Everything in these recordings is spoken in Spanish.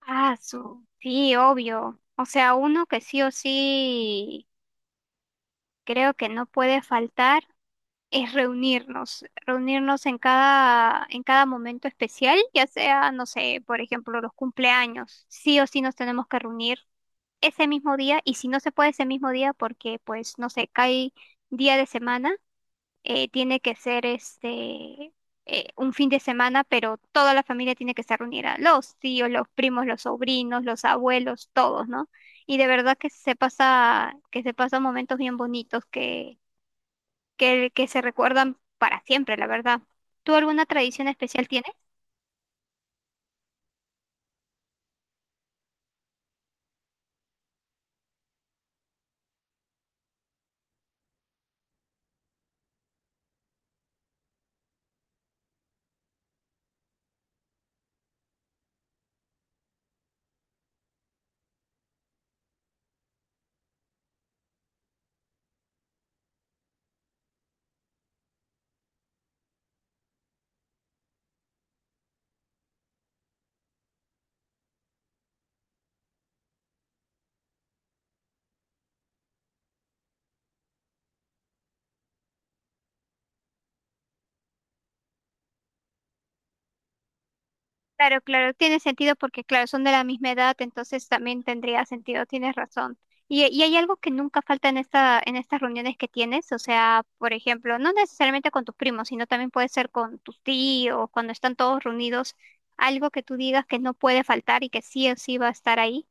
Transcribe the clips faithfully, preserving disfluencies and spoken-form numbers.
Ah, su, sí, obvio. O sea, uno que sí o sí creo que no puede faltar es reunirnos, reunirnos en cada, en cada momento especial, ya sea, no sé, por ejemplo, los cumpleaños. Sí o sí nos tenemos que reunir ese mismo día, y si no se puede ese mismo día porque, pues, no sé, cae día de semana, eh, tiene que ser este eh, un fin de semana, pero toda la familia tiene que estar reunida, los tíos, los primos, los sobrinos, los abuelos, todos, ¿no? Y de verdad que se pasa, que se pasan momentos bien bonitos que, que, que se recuerdan para siempre, la verdad. ¿Tú alguna tradición especial tienes? Claro, claro, tiene sentido porque, claro, son de la misma edad, entonces también tendría sentido, tienes razón. Y, y hay algo que nunca falta en esta, en estas reuniones que tienes, o sea, por ejemplo, no necesariamente con tus primos, sino también puede ser con tus tíos. Cuando están todos reunidos, algo que tú digas que no puede faltar y que sí o sí va a estar ahí.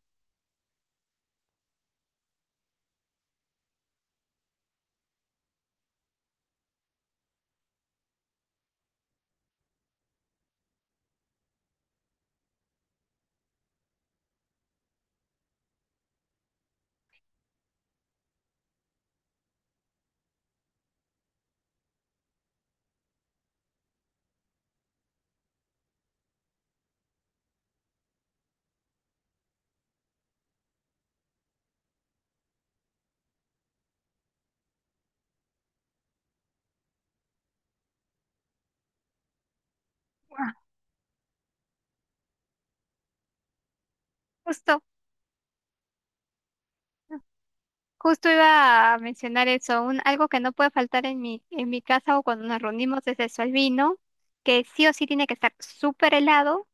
Ah, justo, justo iba a mencionar eso, un, algo que no puede faltar en mi, en mi casa o cuando nos reunimos es eso, el vino, que sí o sí tiene que estar súper helado.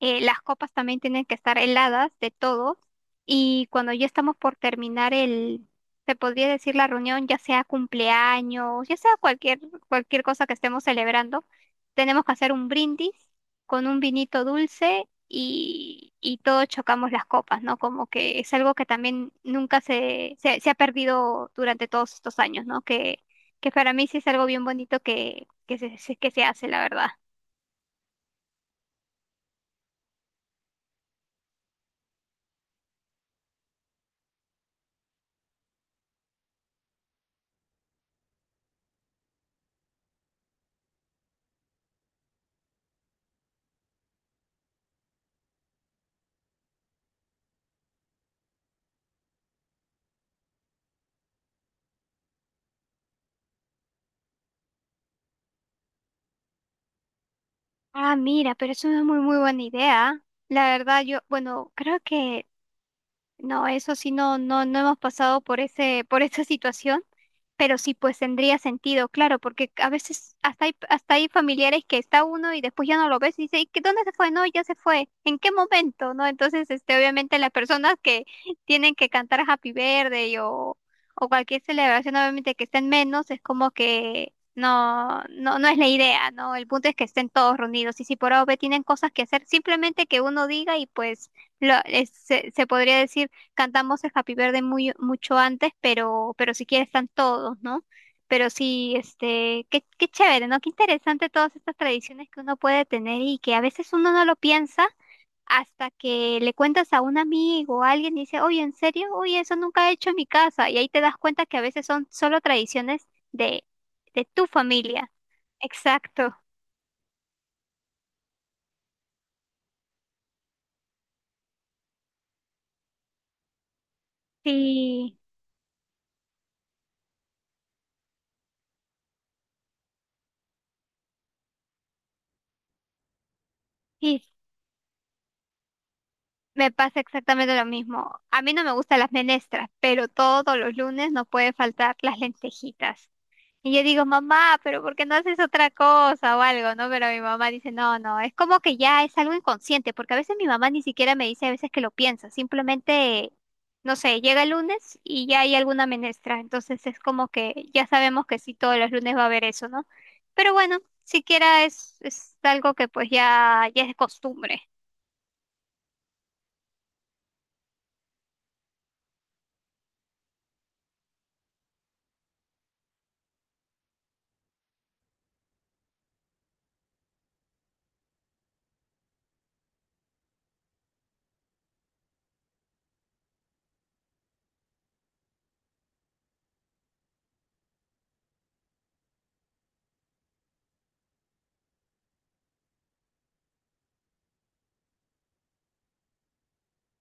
Eh, las copas también tienen que estar heladas de todos. Y cuando ya estamos por terminar el, se podría decir, la reunión, ya sea cumpleaños, ya sea cualquier, cualquier cosa que estemos celebrando, tenemos que hacer un brindis con un vinito dulce y, y todos chocamos las copas, ¿no? Como que es algo que también nunca se, se, se ha perdido durante todos estos años, ¿no? Que, que para mí sí es algo bien bonito que, que se, se- que se hace, la verdad. Ah, mira, pero es una muy, muy buena idea. La verdad, yo, bueno, creo que no, eso sí, no, no, no hemos pasado por ese, por esa situación, pero sí, pues tendría sentido, claro, porque a veces hasta hay, hasta hay familiares que está uno y después ya no lo ves y dice: "¿Y qué- ¿dónde se fue? No, ya se fue. ¿En qué momento?" ¿No? Entonces, este, obviamente las personas que tienen que cantar Happy Birthday o, o cualquier celebración, obviamente que estén menos, es como que no, no, no es la idea, ¿no? El punto es que estén todos reunidos, y si por A o B tienen cosas que hacer, simplemente que uno diga y pues lo- es- se, se podría decir, cantamos el Happy Birthday muy, mucho antes, pero, pero si quieres están todos, ¿no? Pero sí, este, qué, qué chévere, ¿no? Qué interesante todas estas tradiciones que uno puede tener y que a veces uno no lo piensa hasta que le cuentas a un amigo o a alguien y dice: oye, ¿en serio? Oye, eso nunca he hecho en mi casa. Y ahí te das cuenta que a veces son solo tradiciones de, de tu familia. Exacto. Sí, sí, me pasa exactamente lo mismo. A mí no me gustan las menestras, pero todos los lunes no puede faltar las lentejitas. Y yo digo, mamá, ¿pero por qué no haces otra cosa o algo, no? Pero mi mamá dice, no, no, es como que ya es algo inconsciente, porque a veces mi mamá ni siquiera me dice a veces que lo piensa, simplemente, no sé, llega el lunes y ya hay alguna menestra, entonces es como que ya sabemos que sí, todos los lunes va a haber eso, ¿no? Pero bueno, siquiera es, es algo que pues ya, ya es costumbre.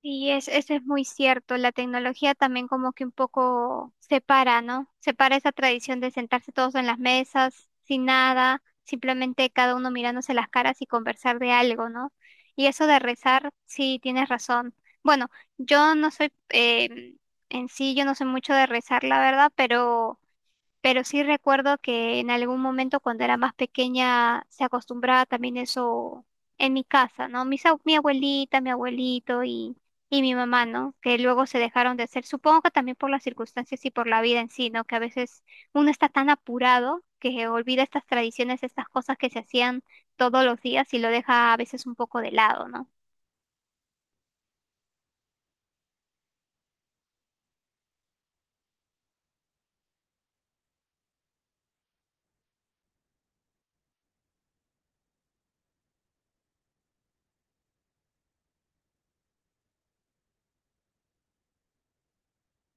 Y es, eso es muy cierto, la tecnología también como que un poco separa, ¿no? Separa esa tradición de sentarse todos en las mesas, sin nada, simplemente cada uno mirándose las caras y conversar de algo, ¿no? Y eso de rezar, sí, tienes razón. Bueno, yo no soy, eh, en sí, yo no sé mucho de rezar, la verdad, pero pero sí recuerdo que en algún momento cuando era más pequeña se acostumbraba también eso en mi casa, ¿no? Mis, ab- mi abuelita, mi abuelito y, y mi mamá, ¿no? Que luego se dejaron de hacer, supongo que también por las circunstancias y por la vida en sí, ¿no? Que a veces uno está tan apurado que olvida estas tradiciones, estas cosas que se hacían todos los días y lo deja a veces un poco de lado, ¿no?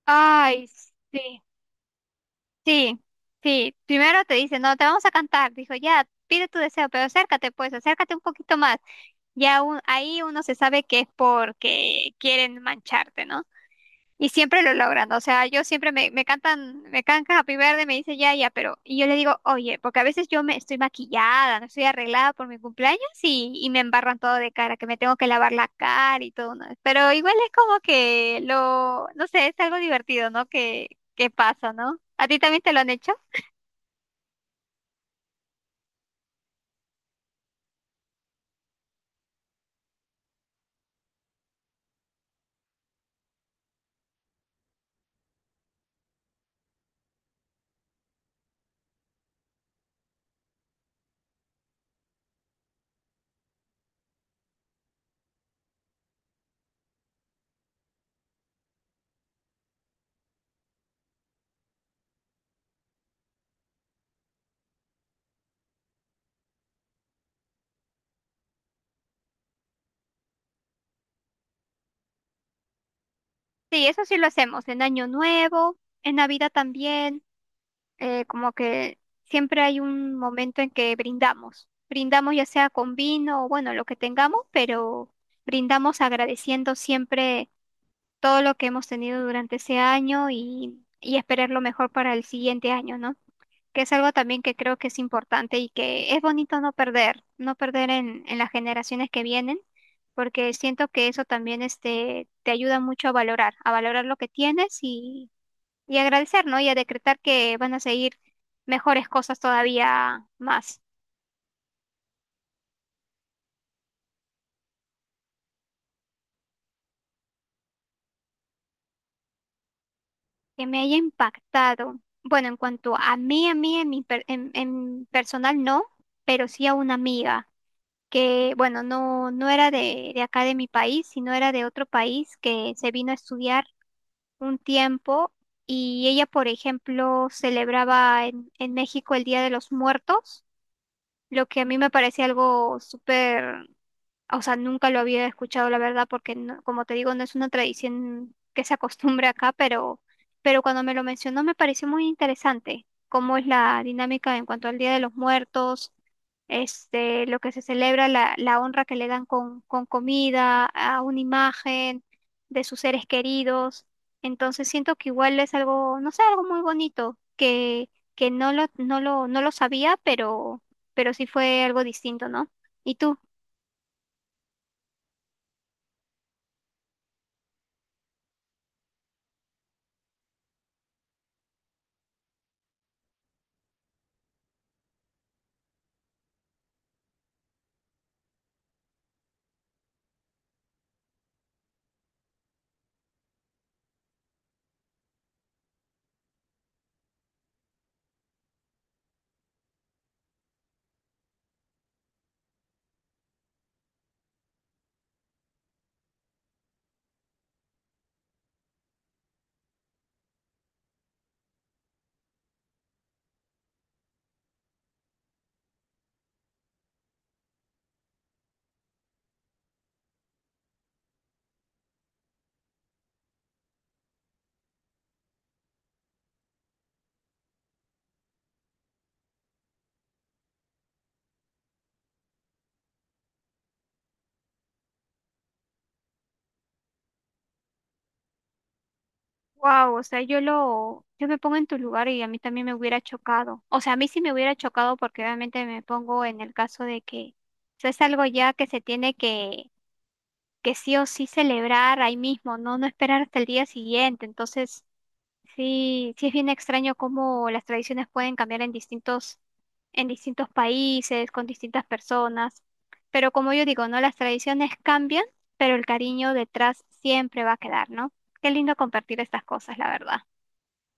Ay, sí. Sí, sí. Primero te dice, no, te vamos a cantar. Dijo, ya, pide tu deseo, pero acércate, pues, acércate un poquito más. Ya un- ahí uno se sabe que es porque quieren mancharte, ¿no? Y siempre lo logran. O sea, yo siempre me, me cantan, me cantan Happy Verde, me dice ya, ya, pero. Y yo le digo, oye, porque a veces yo me estoy maquillada, no estoy arreglada por mi cumpleaños y, y me embarran todo de cara, que me tengo que lavar la cara y todo, ¿no? Pero igual es como que lo, no sé, es algo divertido, ¿no? Que, que pasa, ¿no? ¿A ti también te lo han hecho? Sí, eso sí lo hacemos en Año Nuevo, en Navidad también, eh, como que siempre hay un momento en que brindamos. Brindamos ya sea con vino o bueno, lo que tengamos, pero brindamos agradeciendo siempre todo lo que hemos tenido durante ese año y, y esperar lo mejor para el siguiente año, ¿no? Que es algo también que creo que es importante y que es bonito no perder, no perder en, en las generaciones que vienen, porque siento que eso también este, te ayuda mucho a valorar, a valorar lo que tienes y, y agradecer, ¿no? Y a decretar que van a seguir mejores cosas todavía más. Que me haya impactado. Bueno, en cuanto a mí, a mí, en mi per- en, en personal no, pero sí a una amiga que, bueno, no, no era de, de acá de mi país, sino era de otro país que se vino a estudiar un tiempo. Y ella, por ejemplo, celebraba en, en México el Día de los Muertos, lo que a mí me parece algo súper, o sea, nunca lo había escuchado, la verdad, porque no- como te digo, no es una tradición que se acostumbre acá, pero, pero cuando me lo mencionó me pareció muy interesante cómo es la dinámica en cuanto al Día de los Muertos, este, lo que se celebra, la, la honra que le dan con, con comida, a una imagen de sus seres queridos. Entonces siento que igual es algo, no sé, algo muy bonito, que, que no lo, no lo, no lo sabía, pero, pero sí fue algo distinto, ¿no? ¿Y tú? Wow, o sea, yo lo, yo me pongo en tu lugar y a mí también me hubiera chocado. O sea, a mí sí me hubiera chocado porque obviamente me pongo en el caso de que, o sea, es algo ya que se tiene que, que sí o sí celebrar ahí mismo, ¿no? No esperar hasta el día siguiente. Entonces, sí, sí es bien extraño cómo las tradiciones pueden cambiar en distintos, en distintos países, con distintas personas. Pero como yo digo, ¿no? Las tradiciones cambian, pero el cariño detrás siempre va a quedar, ¿no? Qué lindo compartir estas cosas, la verdad.